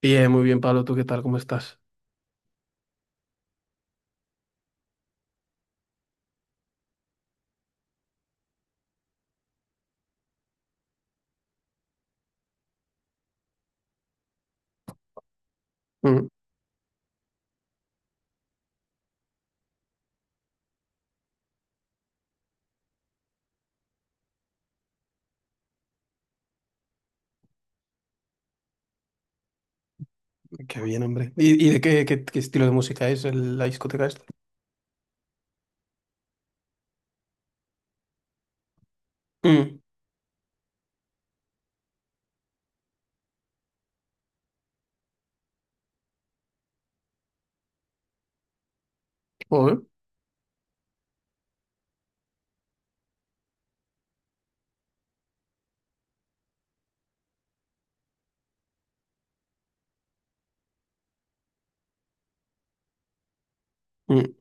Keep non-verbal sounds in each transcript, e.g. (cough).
Bien, muy bien, Pablo. ¿Tú qué tal? ¿Cómo estás? Mm, qué bien, hombre. ¿Y de qué estilo de música es la discoteca esta? Mm, joder. Mm,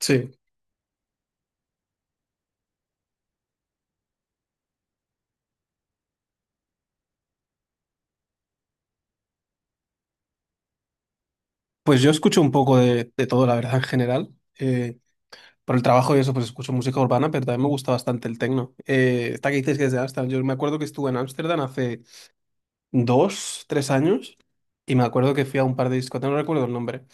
sí. Pues yo escucho un poco de todo, la verdad, en general. Eh, por el trabajo y eso, pues escucho música urbana, pero también me gusta bastante el techno. Esta que dices que es de Ámsterdam. Yo me acuerdo que estuve en Ámsterdam hace 2, 3 años y me acuerdo que fui a un par de discotecas, no recuerdo el nombre.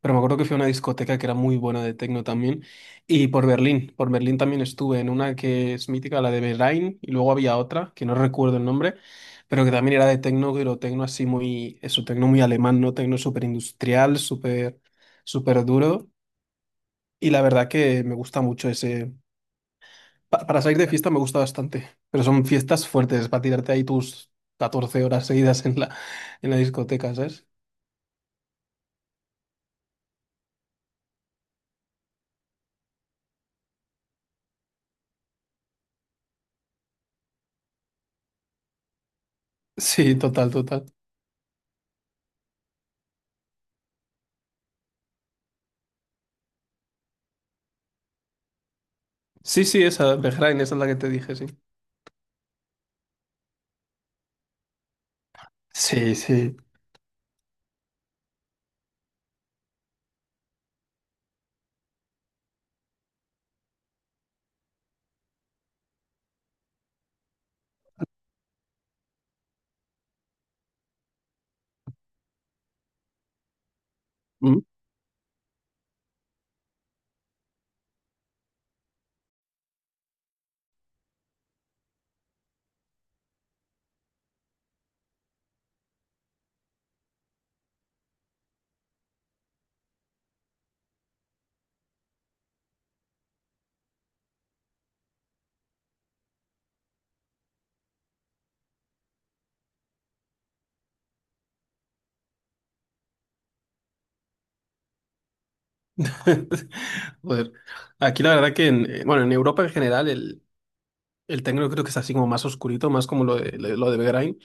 Pero me acuerdo que fui a una discoteca que era muy buena de techno también. Y por Berlín también estuve en una que es mítica, la de Berlín, y luego había otra, que no recuerdo el nombre, pero que también era de techno, pero techno así muy, eso, techno muy alemán, ¿no? Techno súper industrial, súper, súper duro. Y la verdad que me gusta mucho ese. Para salir de fiesta me gusta bastante, pero son fiestas fuertes, para tirarte ahí tus 14 horas seguidas en la discoteca, ¿sabes? Sí, total, total. Sí, sí, esa, Berlín, esa es la que te dije, sí. Sí, sí. Mm. (laughs) Joder. Aquí la verdad que bueno, en Europa en general el techno creo que es así como más oscurito, más como lo de Begrain.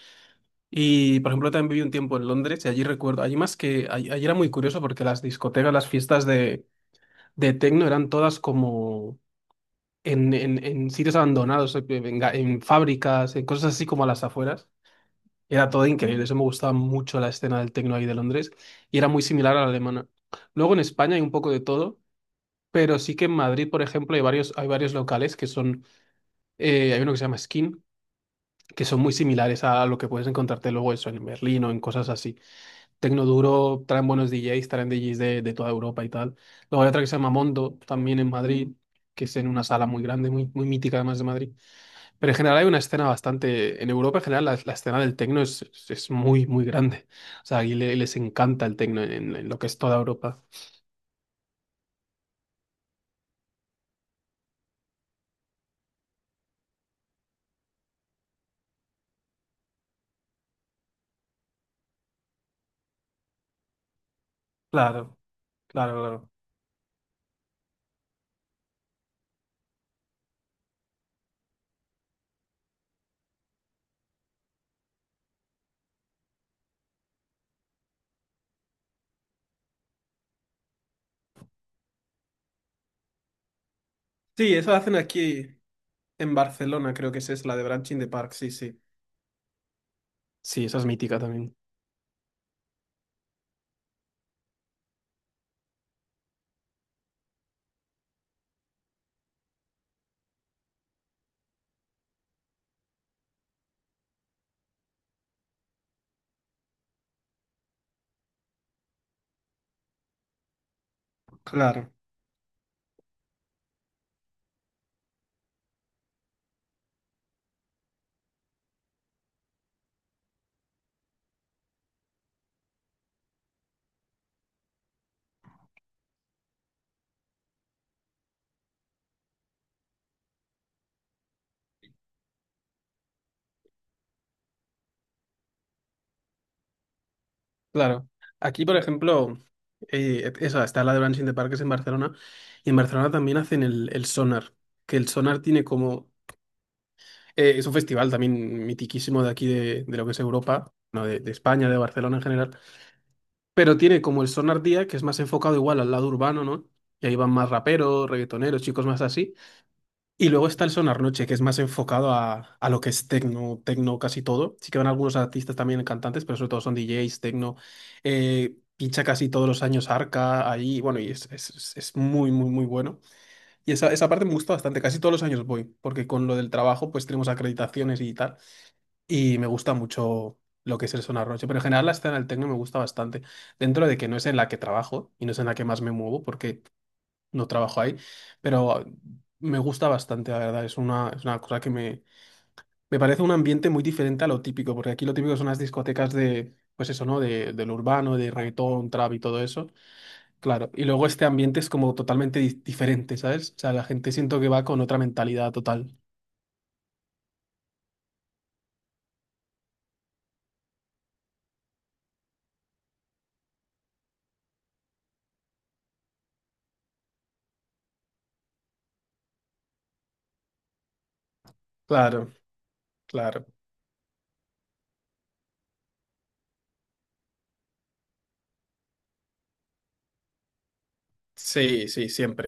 Y por ejemplo también viví un tiempo en Londres y allí recuerdo, allí más que, allí era muy curioso porque las discotecas, las fiestas de techno eran todas como en sitios abandonados, en fábricas, en cosas así como a las afueras. Era todo increíble, eso me gustaba mucho la escena del techno ahí de Londres y era muy similar a la alemana. Luego en España hay un poco de todo, pero sí que en Madrid, por ejemplo, hay varios locales que son, hay uno que se llama Skin, que son muy similares a lo que puedes encontrarte luego eso en Berlín o en cosas así. Tecnoduro traen buenos DJs, traen DJs de toda Europa y tal. Luego hay otra que se llama Mondo, también en Madrid, que es en una sala muy grande, muy, muy mítica además de Madrid. Pero en general hay una escena bastante, en Europa en general la escena del tecno es muy, muy grande. O sea, aquí les encanta el tecno en lo que es toda Europa. Claro, claro. Sí, eso hacen aquí. En Barcelona creo que esa es la de Branching the Park, sí, sí. Sí, esa es mítica también. Claro, claro. Aquí, por ejemplo, está la de Branching the Park, que es en Barcelona, y en Barcelona también hacen el Sonar, que el Sonar tiene como. Es un festival también mitiquísimo de aquí, de lo que es Europa, no, de España, de Barcelona en general, pero tiene como el Sonar Día, que es más enfocado igual al lado urbano, ¿no? Y ahí van más raperos, reggaetoneros, chicos más así. Y luego está el Sonar Noche, que es más enfocado a lo que es techno, techno casi todo. Sí que van algunos artistas también cantantes, pero sobre todo son DJs, techno. Pincha casi todos los años Arca ahí, bueno, y es, es muy, muy, muy bueno. Y esa parte me gusta bastante, casi todos los años voy, porque con lo del trabajo pues tenemos acreditaciones y tal, y me gusta mucho lo que es el Sonar Noche, pero en general la escena del techno me gusta bastante, dentro de que no es en la que trabajo y no es en la que más me muevo, porque no trabajo ahí, pero me gusta bastante, la verdad. Es una cosa que me parece un ambiente muy diferente a lo típico, porque aquí lo típico son las discotecas de, pues eso, ¿no? De, del urbano, de reggaetón, trap y todo eso. Claro, y luego este ambiente es como totalmente diferente, ¿sabes? O sea, la gente siento que va con otra mentalidad total. Claro, claro. Sí, sí, siempre.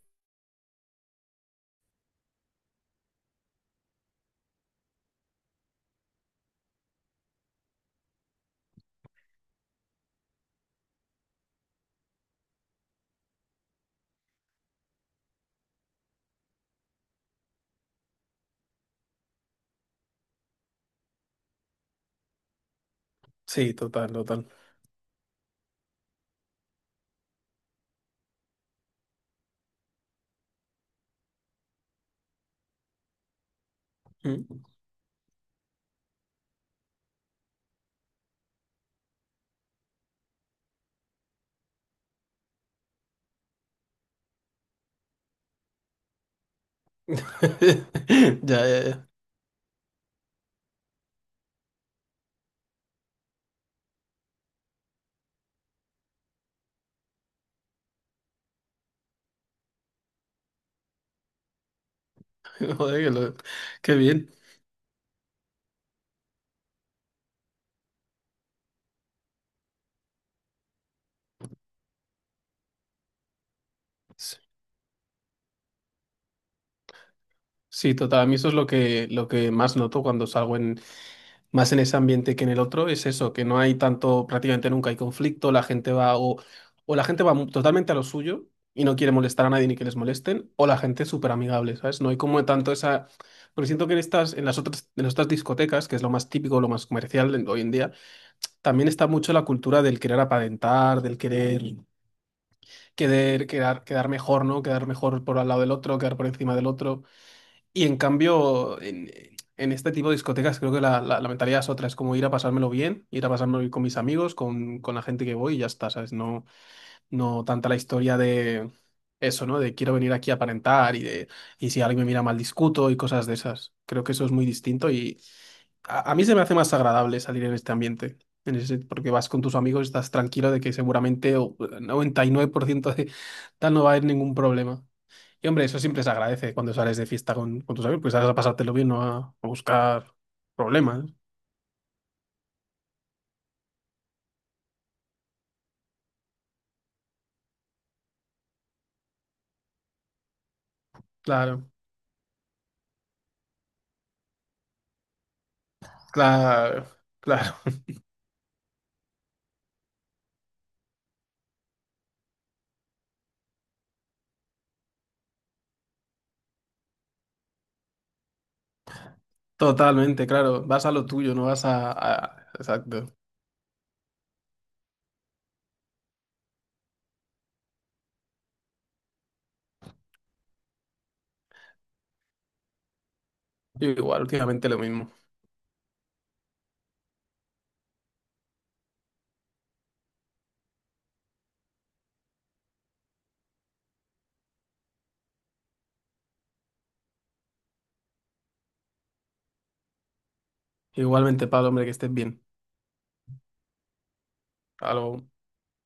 Sí, total, total. Mm. (laughs) Ya, ya, ya. (laughs) Joder, que qué bien. Sí, total. A mí eso es lo que, más noto cuando salgo más en ese ambiente que en el otro, es eso, que no hay tanto, prácticamente nunca hay conflicto, la gente va o la gente va totalmente a lo suyo y no quiere molestar a nadie ni que les molesten, o la gente es súper amigable, ¿sabes? No hay como tanto esa. Porque siento que en las otras discotecas, que es lo más típico, lo más comercial hoy en día, también está mucho la cultura del querer aparentar, del querer, querer quedar, quedar mejor, ¿no? Quedar mejor por al lado del otro, quedar por encima del otro. Y en cambio, en este tipo de discotecas creo que la mentalidad es otra, es como ir a pasármelo bien, ir a pasármelo bien con mis amigos, con la gente que voy y ya está, ¿sabes? No, no tanta la historia de eso, ¿no? De quiero venir aquí a aparentar y de y si alguien me mira mal discuto y cosas de esas. Creo que eso es muy distinto y a mí se me hace más agradable salir en este ambiente. En ese, porque vas con tus amigos, estás tranquilo de que seguramente el 99% de tal no va a haber ningún problema. Y hombre, eso siempre se agradece cuando sales de fiesta con tus amigos, pues sales a pasártelo bien, no a buscar problemas. Claro, claro, claro. (laughs) Totalmente, claro. Vas a lo tuyo, no vas a. Exacto. Yo igual, últimamente lo mismo. Igualmente, Pablo, hombre, que estés bien. Algo.